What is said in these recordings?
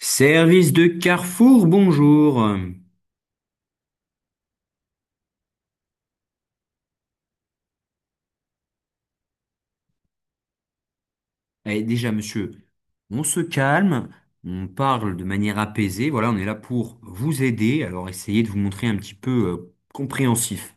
Service de Carrefour, bonjour. Eh, déjà, monsieur, on se calme, on parle de manière apaisée. Voilà, on est là pour vous aider. Alors, essayez de vous montrer un petit peu compréhensif.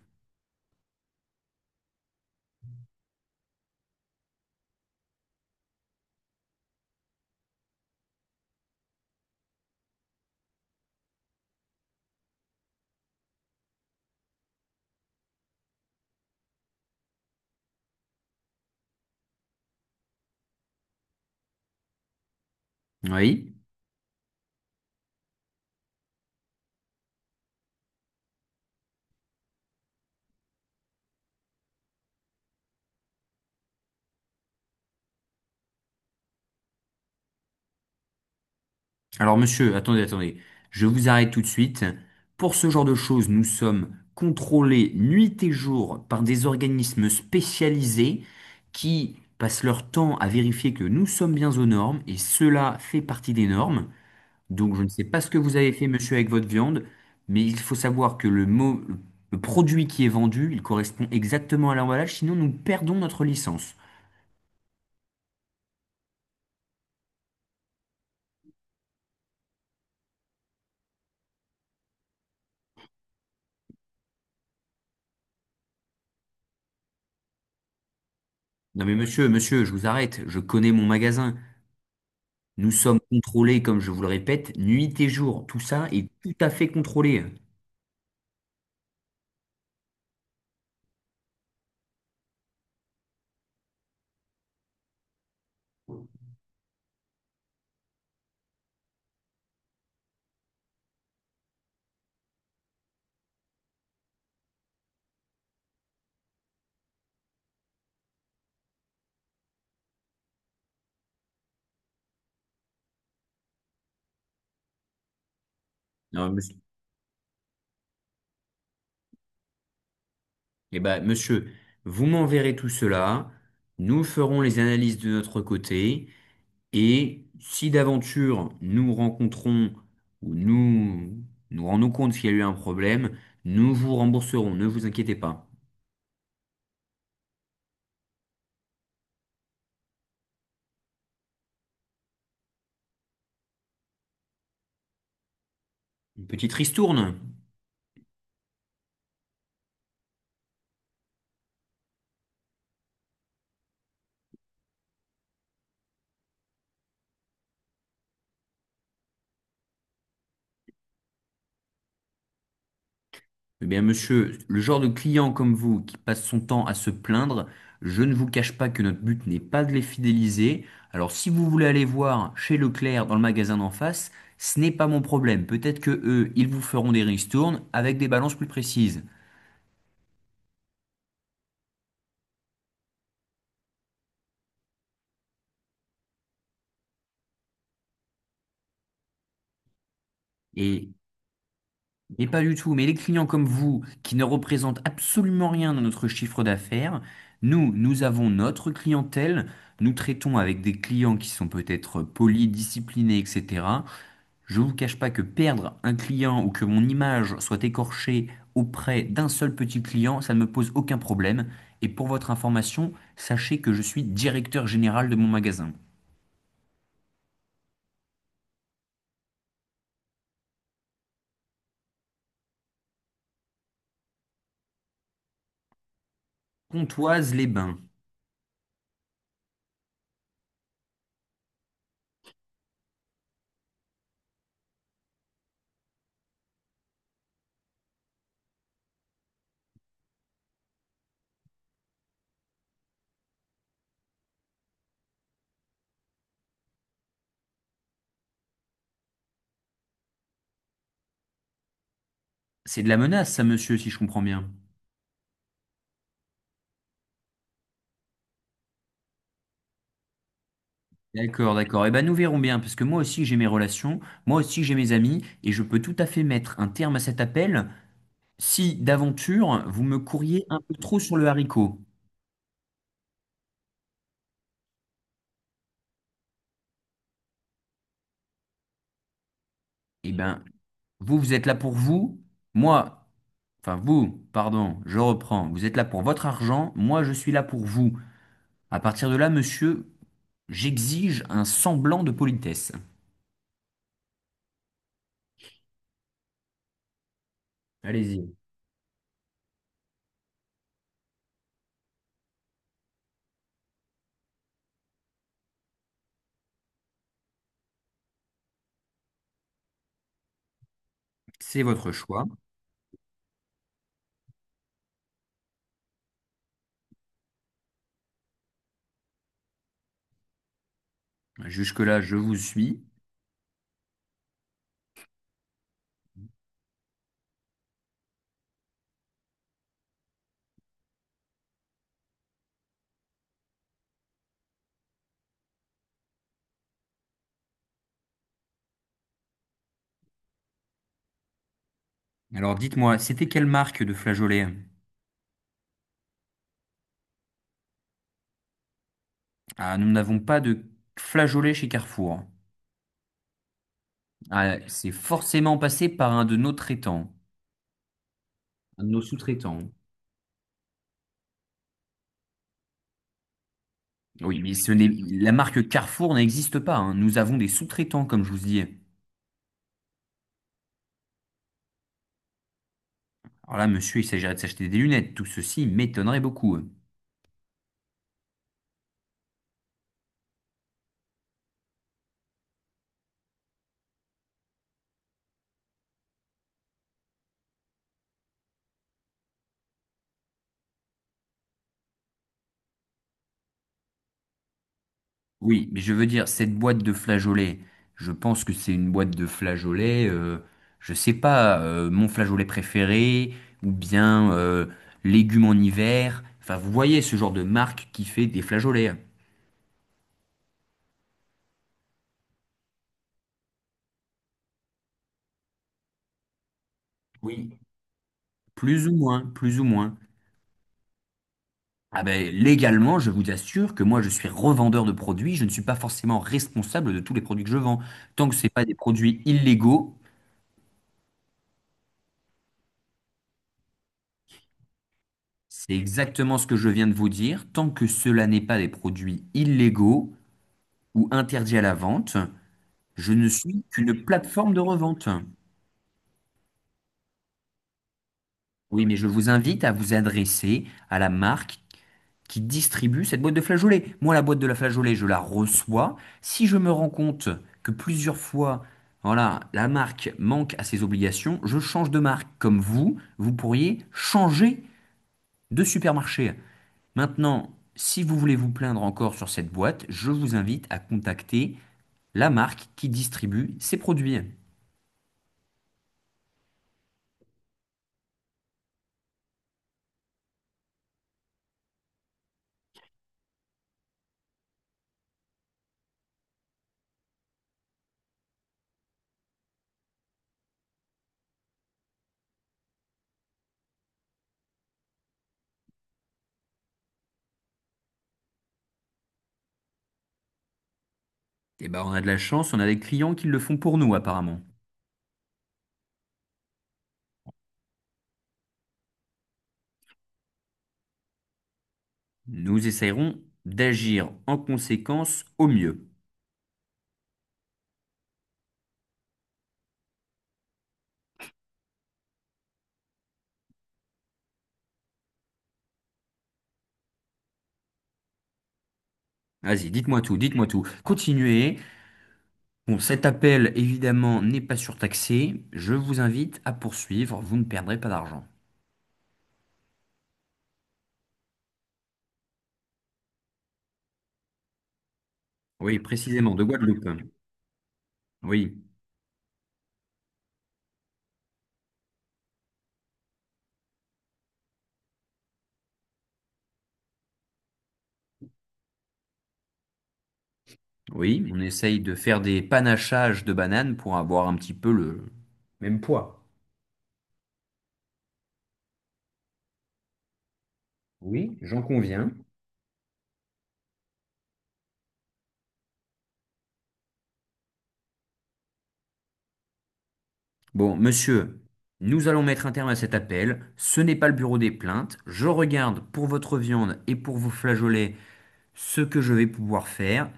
Oui. Alors, monsieur, attendez, attendez. Je vous arrête tout de suite. Pour ce genre de choses, nous sommes contrôlés nuit et jour par des organismes spécialisés qui passent leur temps à vérifier que nous sommes bien aux normes, et cela fait partie des normes. Donc, je ne sais pas ce que vous avez fait, monsieur, avec votre viande, mais il faut savoir que le mot, le produit qui est vendu, il correspond exactement à l'emballage, sinon nous perdons notre licence. Non mais monsieur, monsieur, je vous arrête, je connais mon magasin. Nous sommes contrôlés, comme je vous le répète, nuit et jour. Tout ça est tout à fait contrôlé. Non, monsieur. Eh ben, monsieur, vous m'enverrez tout cela, nous ferons les analyses de notre côté, et si d'aventure nous rencontrons ou nous nous rendons compte qu'il y a eu un problème, nous vous rembourserons, ne vous inquiétez pas. Une petite ristourne? Eh bien, monsieur, le genre de client comme vous qui passe son temps à se plaindre, je ne vous cache pas que notre but n'est pas de les fidéliser. Alors, si vous voulez aller voir chez Leclerc dans le magasin d'en face, ce n'est pas mon problème. Peut-être que eux, ils vous feront des ristournes avec des balances plus précises. Et mais pas du tout. Mais les clients comme vous, qui ne représentent absolument rien dans notre chiffre d'affaires, nous avons notre clientèle, nous traitons avec des clients qui sont peut-être polis, disciplinés, etc. Je vous cache pas que perdre un client ou que mon image soit écorchée auprès d'un seul petit client, ça ne me pose aucun problème. Et pour votre information, sachez que je suis directeur général de mon magasin. Pontoise-les-Bains. C'est de la menace, ça, monsieur, si je comprends bien. D'accord, d'accord. Eh ben, nous verrons bien, parce que moi aussi j'ai mes relations, moi aussi j'ai mes amis, et je peux tout à fait mettre un terme à cet appel si d'aventure vous me courriez un peu trop sur le haricot. Eh ben, vous êtes là pour vous, moi, enfin vous, pardon, je reprends, vous êtes là pour votre argent, moi je suis là pour vous. À partir de là, monsieur, j'exige un semblant de politesse. Allez-y. C'est votre choix. Jusque-là, je vous suis. Alors dites-moi, c'était quelle marque de flageolet? Ah, nous n'avons pas de flageolet chez Carrefour. Ah, c'est forcément passé par un de nos traitants, un de nos sous-traitants. Oui, mais ce n'est- la marque Carrefour n'existe pas, hein. Nous avons des sous-traitants, comme je vous dis. Alors là, monsieur, il s'agirait de s'acheter des lunettes. Tout ceci m'étonnerait beaucoup. Oui, mais je veux dire, cette boîte de flageolets, je pense que c'est une boîte de flageolets, je sais pas, mon flageolet préféré, ou bien légumes en hiver. Enfin, vous voyez ce genre de marque qui fait des flageolets. Oui, plus ou moins, plus ou moins. Ah ben, légalement, je vous assure que moi, je suis revendeur de produits, je ne suis pas forcément responsable de tous les produits que je vends. Tant que ce n'est pas des produits illégaux, c'est exactement ce que je viens de vous dire, tant que cela n'est pas des produits illégaux ou interdits à la vente, je ne suis qu'une plateforme de revente. Oui, mais je vous invite à vous adresser à la marque qui distribue cette boîte de flageolets. Moi, la boîte de la flageolet, je la reçois. Si je me rends compte que plusieurs fois, voilà, la marque manque à ses obligations, je change de marque. Comme vous, vous pourriez changer de supermarché. Maintenant, si vous voulez vous plaindre encore sur cette boîte, je vous invite à contacter la marque qui distribue ces produits. Et ben, on a de la chance, on a des clients qui le font pour nous, apparemment. Nous essaierons d'agir en conséquence au mieux. Vas-y, dites-moi tout, dites-moi tout. Continuez. Bon, cet appel, évidemment, n'est pas surtaxé. Je vous invite à poursuivre. Vous ne perdrez pas d'argent. Oui, précisément, de Guadeloupe. Oui, oui, on essaye de faire des panachages de bananes pour avoir un petit peu le même poids. Oui, j'en conviens. Bon, monsieur, nous allons mettre un terme à cet appel. Ce n'est pas le bureau des plaintes. Je regarde pour votre viande et pour vos flageolets ce que je vais pouvoir faire.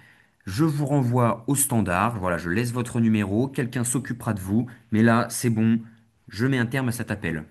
Je vous renvoie au standard. Voilà, je laisse votre numéro. Quelqu'un s'occupera de vous. Mais là, c'est bon. Je mets un terme à cet appel.